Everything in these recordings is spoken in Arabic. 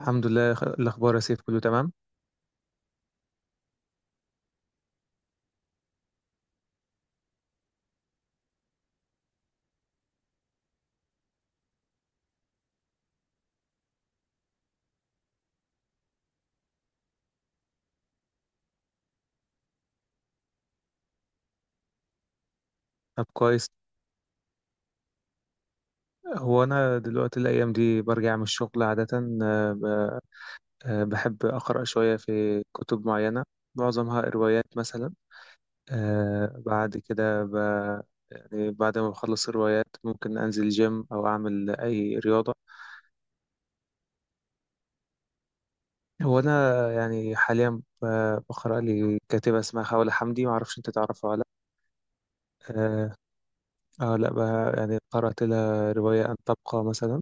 الحمد لله الأخبار يا سيف كله تمام. طب كويس. هو أنا دلوقتي الأيام دي برجع من الشغل عادة. آه، ب- بحب أقرأ شوية في كتب معينة، معظمها روايات مثلا. آه، بعد كده ب... يعني بعد ما بخلص الروايات ممكن أنزل جيم أو أعمل أي رياضة. هو أنا يعني حاليا بقرأ لي كاتبة اسمها خولة حمدي، معرفش أنت تعرفها ولا. لأ آه آه، لأ يعني قرأت لها رواية أن تبقى مثلا.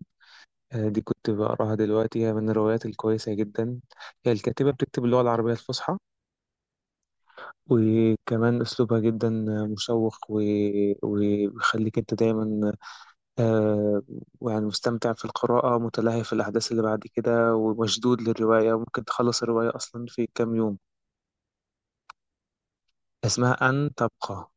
دي كنت بقراها دلوقتي، هي من الروايات الكويسة جدا. هي الكاتبة بتكتب اللغة العربية الفصحى، وكمان أسلوبها جدا مشوق وبيخليك أنت دايما آه، يعني مستمتع في القراءة، متلهي في الأحداث اللي بعد كده ومشدود للرواية، وممكن تخلص الرواية أصلا في كام يوم. اسمها أن تبقى.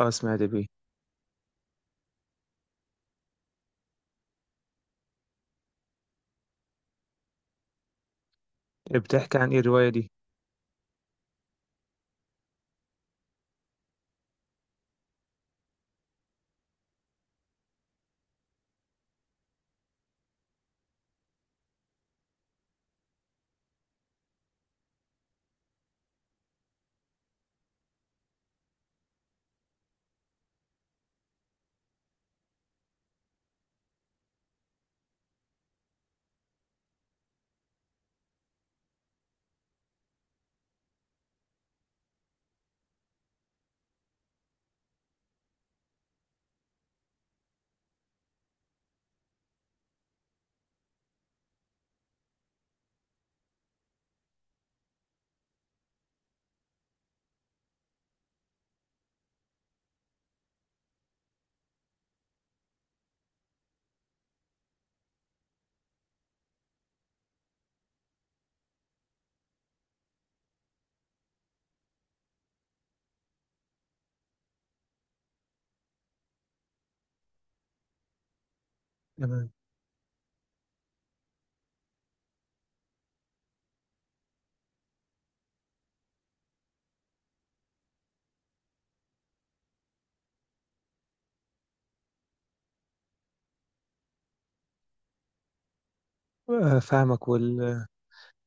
أه سمعت بيه. بتحكي عن إيه الرواية دي؟ تمام. فاهمك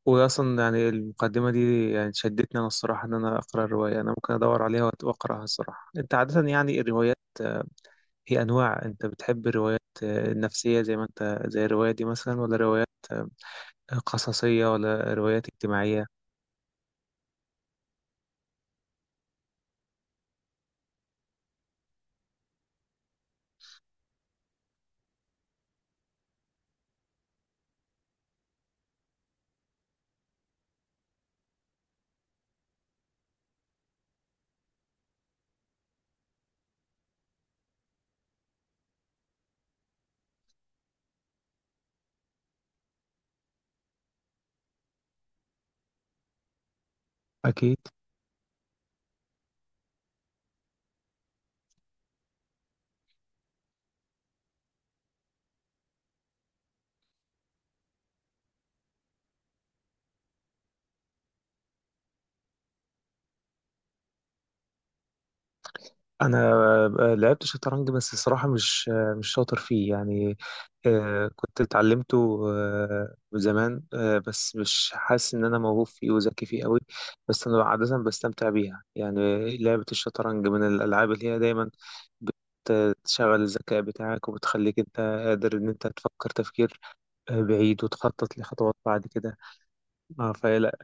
واصلا يعني المقدمه دي يعني شدتني انا الصراحه ان انا اقرا الروايه، انا ممكن ادور عليها واقراها الصراحه. انت عاده يعني الروايات، هي انواع، انت بتحب الروايات النفسيه زي ما انت، زي الروايه دي مثلا، ولا روايات قصصيه، ولا روايات اجتماعيه؟ اكيد. انا لعبت شطرنج بس الصراحه مش شاطر فيه يعني. كنت اتعلمته من زمان، بس مش حاسس ان انا موهوب فيه وذكي فيه قوي. بس انا عاده بستمتع بيها يعني. لعبه الشطرنج من الالعاب اللي هي دايما بتشغل الذكاء بتاعك، وبتخليك انت قادر ان انت تفكر تفكير بعيد، وتخطط لخطوات بعد كده. اه فلا.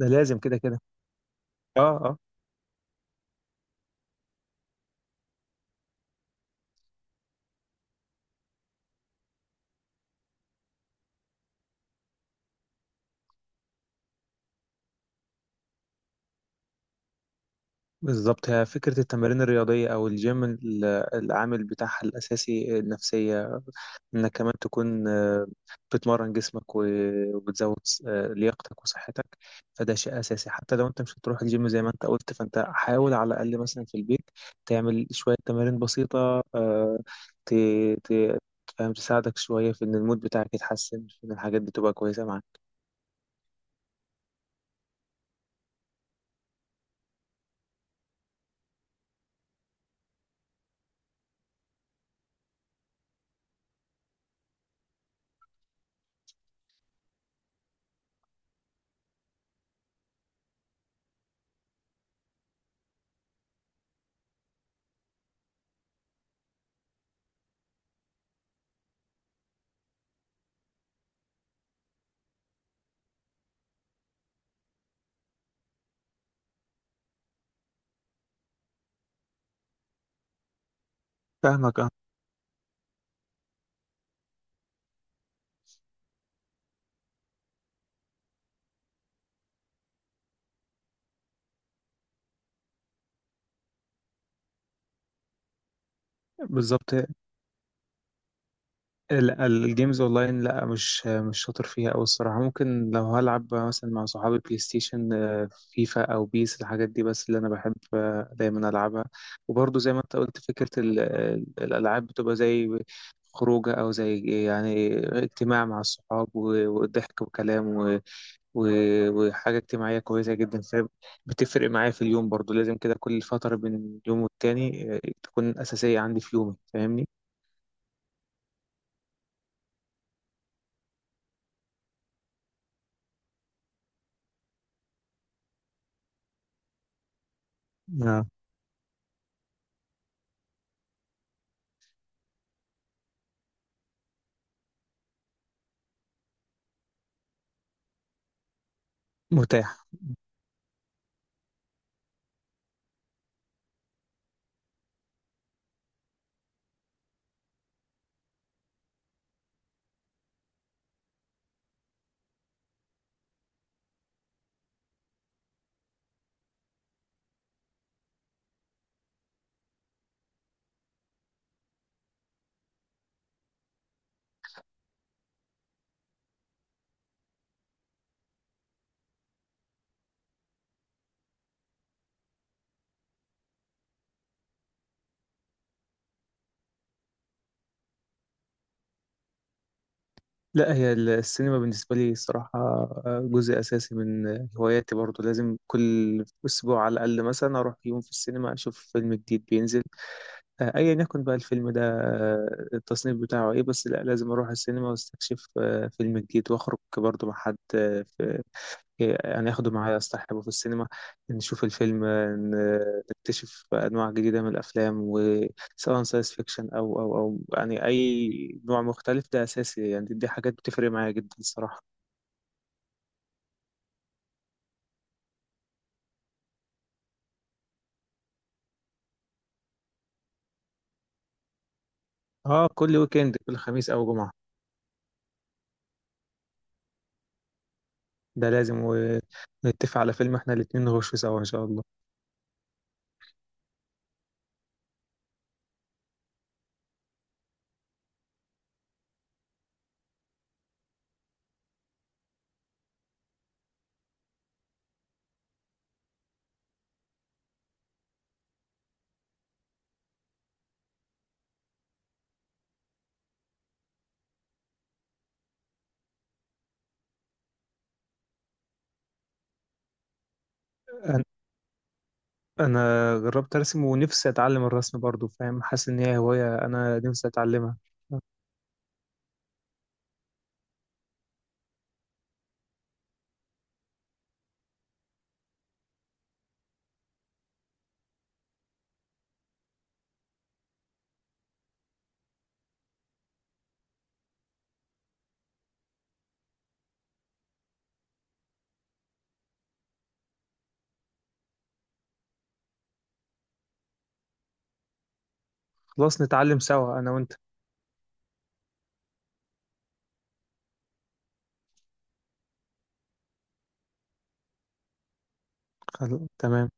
ده لازم كده كده. اه آه. بالظبط. هي فكرة التمارين الرياضية أو الجيم العامل بتاعها الأساسي النفسية، إنك كمان تكون بتمرن جسمك وبتزود لياقتك وصحتك. فده شيء أساسي، حتى لو أنت مش هتروح الجيم زي ما أنت قلت، فأنت حاول على الأقل مثلا في البيت تعمل شوية تمارين بسيطة، ت... ت... فاهم، تساعدك شوية في إن المود بتاعك يتحسن، في إن الحاجات دي تبقى كويسة معاك. فاهمك أه. بالظبط. لا الجيمز اونلاين لا، مش شاطر فيها أوي الصراحه. ممكن لو هلعب مثلا مع صحابي بلاي ستيشن، فيفا او بيس الحاجات دي، بس اللي انا بحب دايما العبها. وبرضه زي ما انت قلت، فكره الالعاب بتبقى زي خروجه، او زي يعني اجتماع مع الصحاب، وضحك وكلام وحاجه اجتماعيه كويسه جدا، فبتفرق معايا في اليوم برضه. لازم كده كل فتره بين يوم والتاني تكون اساسيه عندي في يومي، فاهمني؟ آه. متاحه. لا هي السينما بالنسبة لي الصراحة جزء أساسي من هواياتي برضو. لازم كل أسبوع على الأقل مثلا أروح يوم في السينما أشوف فيلم جديد بينزل، أيا يكن بقى الفيلم ده التصنيف بتاعه إيه، بس لا لازم أروح السينما وأستكشف فيلم جديد، وأخرج برضو مع حد يعني، اخده معايا اصطحبه في السينما، نشوف الفيلم، نكتشف انواع جديده من الافلام، وسواء ساينس فيكشن او او يعني اي نوع مختلف، ده اساسي. يعني دي حاجات بتفرق معايا جدا الصراحه. اه كل ويكند، كل خميس او جمعه. ده لازم، ونتفق على فيلم احنا الاتنين نخشه سوا ان شاء الله. انا أنا جربت ارسم ونفسي اتعلم الرسم برضو، فاهم، حاسس ان هي هوايه انا نفسي اتعلمها. خلاص نتعلم سوا انا وانت. خلاص، تمام.